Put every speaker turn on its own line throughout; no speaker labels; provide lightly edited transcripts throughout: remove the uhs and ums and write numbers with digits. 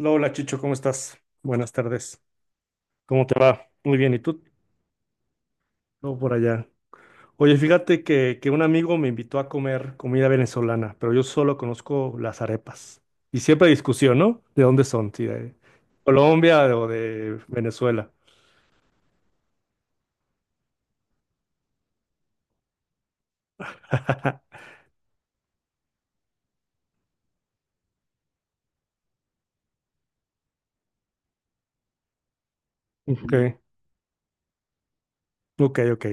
Hola Chicho, ¿cómo estás? Buenas tardes. ¿Cómo te va? Muy bien, ¿y tú? Todo por allá. Oye, fíjate que un amigo me invitó a comer comida venezolana, pero yo solo conozco las arepas. Y siempre hay discusión, ¿no? ¿De dónde son? ¿Si de Colombia o de Venezuela? Ok, ok, ok.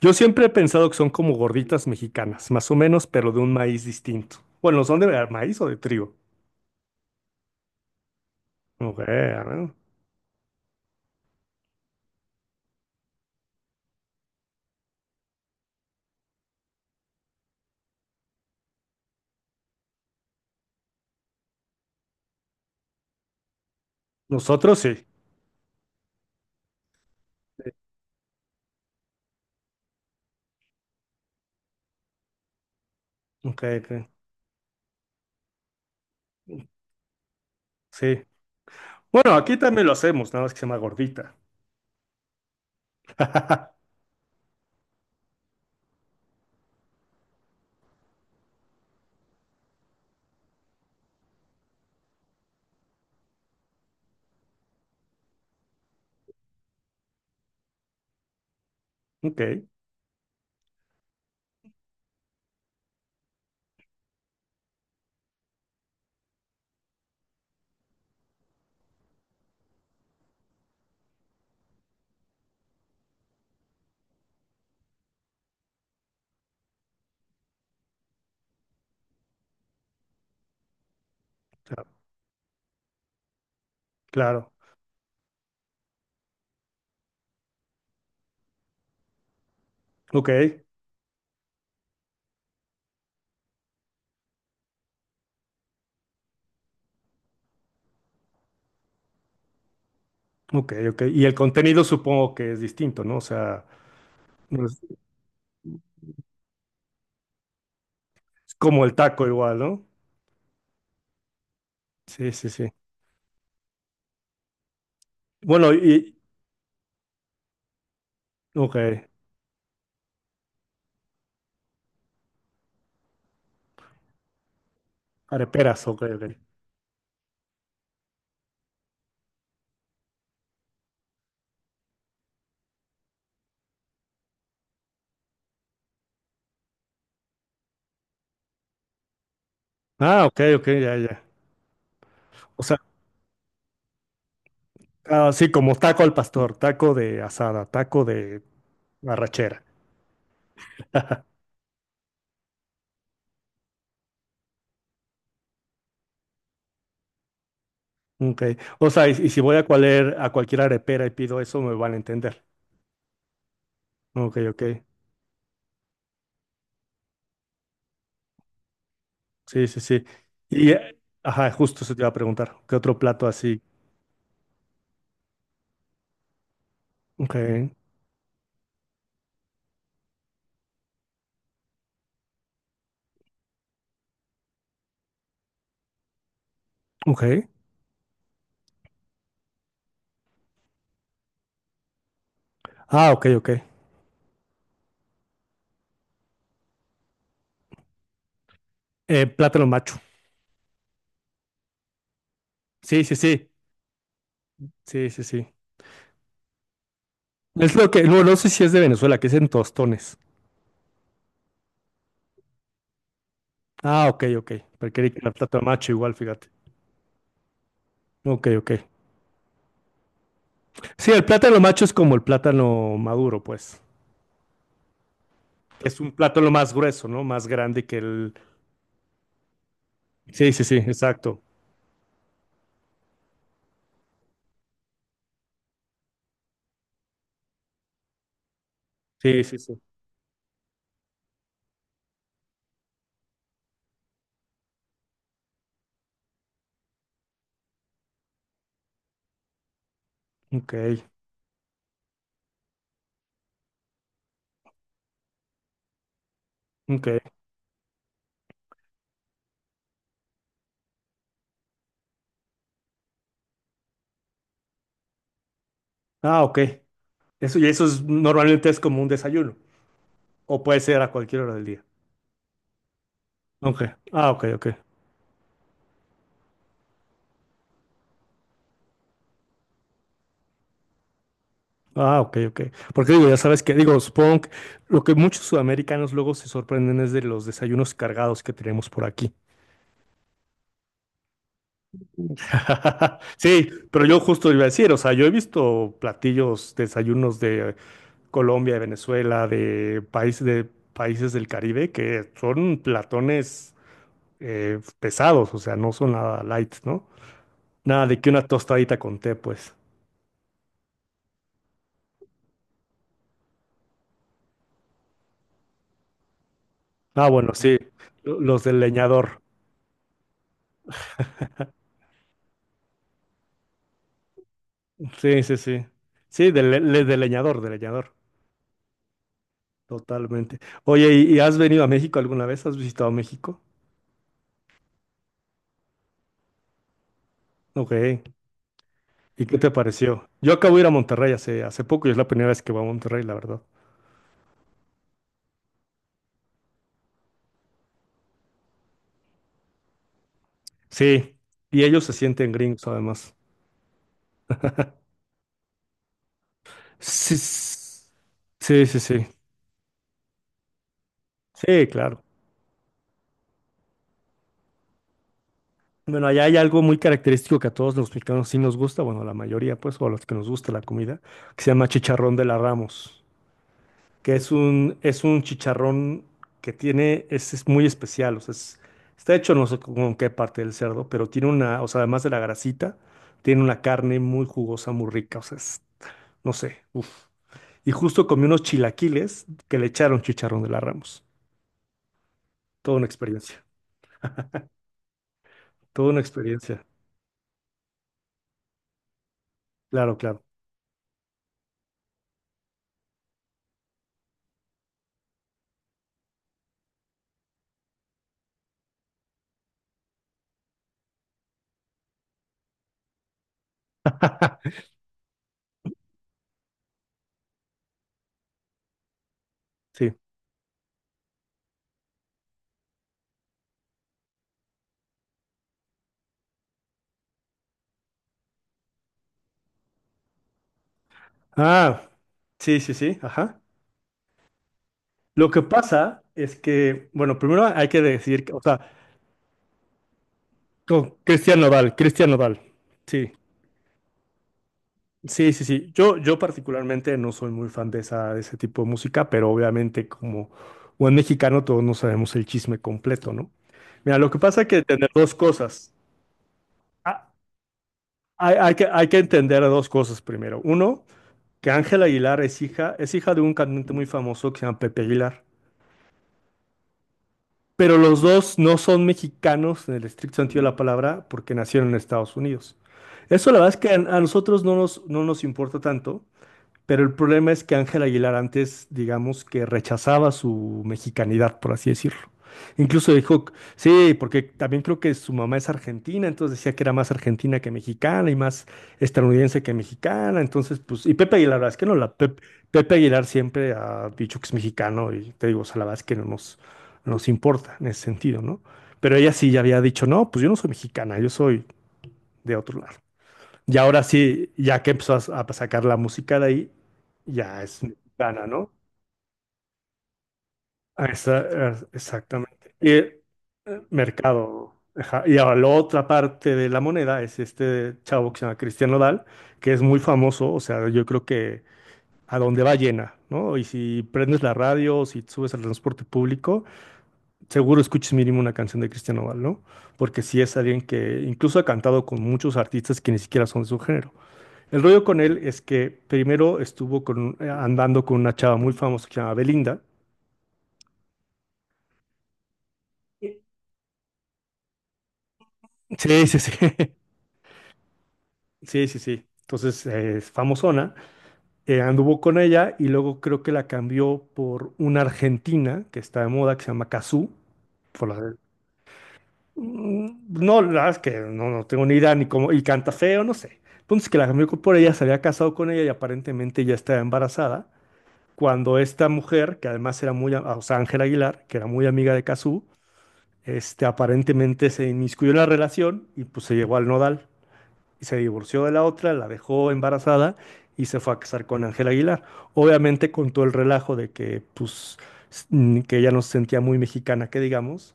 Yo siempre he pensado que son como gorditas mexicanas, más o menos, pero de un maíz distinto. Bueno, ¿son de maíz o de trigo? Ok, a ver. Nosotros sí. Ok, ok. Sí. Bueno, aquí también lo hacemos, nada más que se llama gordita. Ok, claro, claro. Ok, ok, ok. Y el contenido supongo que es distinto, ¿no? O sea, no es, es como el taco igual, ¿no? Sí, sí, sí. Bueno, y, ok, areperas, ok, ok. Ah, ok, ok, ya, ya. O sea, así como taco al pastor, taco de asada, taco de arrachera. Ok. O sea, y si voy a, a cualquier arepera y pido eso, me van a entender. Ok, ok. Sí, sí, sí. Y, ajá, justo eso te iba a preguntar, ¿qué otro plato así? Ok, ok. Ah, ok, ok. Plátano macho. Sí, sí, sí. Sí, sí, sí. Es lo que, no, no sé si es de Venezuela, que es en tostones. Ah, ok, ok. Pero quería que era plátano macho igual, fíjate. Ok, ok. Sí, el plátano macho es como el plátano maduro, pues. Es un plátano más grueso, ¿no? Más grande que el... Sí, sí, sí, exacto. Sí, sí, sí. Ok, ok. Ah, ok. Eso, y eso es, normalmente es como un desayuno. O puede ser a cualquier hora del día. Ok. Ah, ok, ok. Ah, ok, ok. Porque digo, ya sabes que, digo, supongo que lo que muchos sudamericanos luego se sorprenden es de los desayunos cargados que tenemos por aquí. Sí, pero yo justo iba a decir, o sea, yo he visto platillos, desayunos de Colombia, de Venezuela, de países del Caribe que son platones pesados, o sea, no son nada light, ¿no? Nada de que una tostadita con té, pues. Ah, bueno, sí, los del leñador. Sí, sí, sí. Sí, de, de leñador, de leñador. Totalmente. Oye, y has venido a México alguna vez? ¿Has visitado México? Ok. ¿Y qué te pareció? Yo acabo de ir a Monterrey hace, hace poco y es la primera vez que voy a Monterrey, la verdad. Sí. Y ellos se sienten gringos, además. Sí, sí, sí. Sí, sí, claro. Bueno, allá hay algo muy característico que a todos los mexicanos sí nos gusta, bueno, a la mayoría, pues, o a los que nos gusta la comida, que se llama chicharrón de la Ramos. Que es un chicharrón que tiene, es muy especial, o sea, está hecho no sé con qué parte del cerdo, pero tiene una, o sea, además de la grasita, tiene una carne muy jugosa, muy rica, o sea, no sé, uf. Y justo comí unos chilaquiles que le echaron chicharrón de la Ramos. Toda una experiencia, toda una experiencia, claro, claro. Sí. Ah, sí, sí, sí, ajá. Lo que pasa es que, bueno, primero hay que decir, que, o sea, con Cristian Nodal, Cristian Nodal, sí. Sí, sí, sí. Yo particularmente no soy muy fan de esa, de ese tipo de música, pero obviamente como buen mexicano todos no sabemos el chisme completo, ¿no? Mira, lo que pasa es que entender dos cosas. Ah, hay, hay que entender dos cosas primero. Uno, que Ángela Aguilar es hija de un cantante muy famoso que se llama Pepe Aguilar. Pero los dos no son mexicanos en el estricto sentido de la palabra porque nacieron en Estados Unidos. Eso la verdad es que a nosotros no nos, no nos importa tanto. Pero el problema es que Ángel Aguilar antes, digamos que rechazaba su mexicanidad, por así decirlo. Incluso dijo, sí, porque también creo que su mamá es argentina, entonces decía que era más argentina que mexicana y más estadounidense que mexicana. Entonces, pues, y Pepe Aguilar, la verdad es que no, Pepe Aguilar siempre ha dicho que es mexicano y te digo, o sea, la verdad es que no nos, no nos importa en ese sentido, ¿no? Pero ella sí ya había dicho, no, pues yo no soy mexicana, yo soy de otro lado. Y ahora sí, ya que empezó a sacar la música de ahí, ya es mexicana, ¿no? Ah, esa- ah, exactamente. Y mercado. Ajá. Y ahora la otra parte de la moneda es este chavo que se llama Cristian Nodal, que es muy famoso, o sea, yo creo que a donde va llena, ¿no? Y si prendes la radio, o si subes al transporte público, seguro escuches mínimo una canción de Cristian Nodal, ¿no? Porque sí es alguien que incluso ha cantado con muchos artistas que ni siquiera son de su género. El rollo con él es que primero estuvo con, andando con una chava muy famosa que se llama Belinda. Sí, sí, sí. Sí, sí, sí. Entonces es famosona. Anduvo con ella y luego creo que la cambió por una argentina que está de moda que se llama Cazzu. por la- Mm, no, la verdad es que no, no tengo ni idea ni cómo. Y canta feo, no sé. Entonces que la cambió por ella, se había casado con ella y aparentemente ya estaba embarazada. Cuando esta mujer, que además era muy, o sea, Ángela Aguilar, que era muy amiga de Cazzu, este, aparentemente se inmiscuyó en la relación y pues se llevó al nodal y se divorció de la otra, la dejó embarazada y se fue a casar con Ángel Aguilar. Obviamente con todo el relajo de que pues que ella no se sentía muy mexicana, que digamos,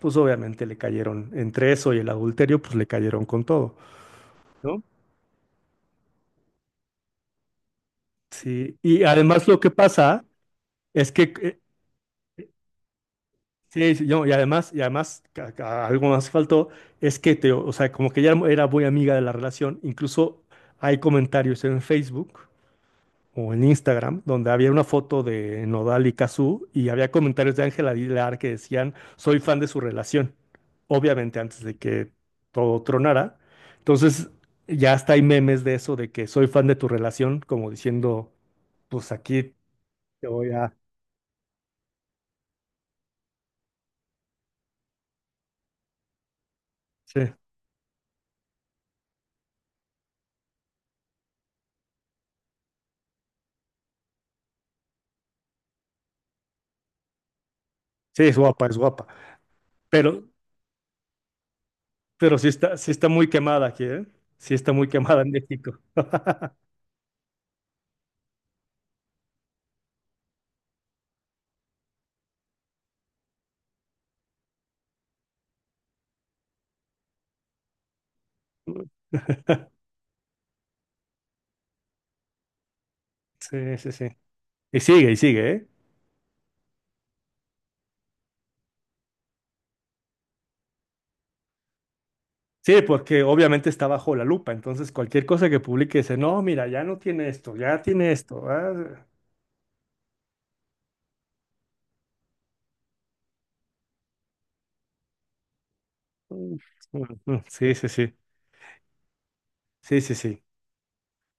pues obviamente le cayeron entre eso y el adulterio, pues le cayeron con todo, ¿no? Sí, y además lo que pasa es que sí, sí, no, y además algo más faltó, es que te, o sea, como que ya era muy amiga de la relación, incluso hay comentarios en Facebook o en Instagram donde había una foto de Nodal y Cazzu y había comentarios de Ángela Aguilar que decían, soy fan de su relación, obviamente antes de que todo tronara. Entonces, ya hasta hay memes de eso, de que soy fan de tu relación, como diciendo, pues aquí te voy a... Sí, sí, es guapa, es guapa. Pero, Pero sí está muy quemada aquí, ¿eh? Sí está muy quemada en México. Sí, sí, sí. Y sigue, ¿eh? Sí, porque obviamente está bajo la lupa, entonces cualquier cosa que publique dice, no, mira, ya no tiene esto, ya tiene esto. Ah. Mm, mm, sí, sí, sí, sí, sí, sí.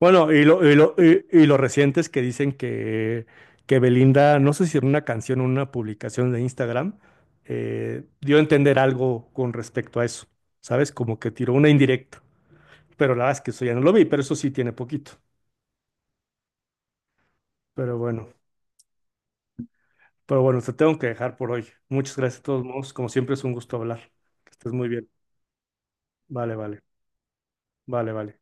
Bueno, y lo, y lo, y lo reciente es que dicen que Belinda, no sé si en una canción o una publicación de Instagram, dio a entender algo con respecto a eso, ¿sabes? Como que tiró una indirecta. Pero la verdad es que eso ya no lo vi, pero eso sí tiene poquito. Pero bueno, pero bueno, te tengo que dejar por hoy. Muchas gracias de todos modos. Como siempre es un gusto hablar. Que estés muy bien. Vale, vale, vale, vale.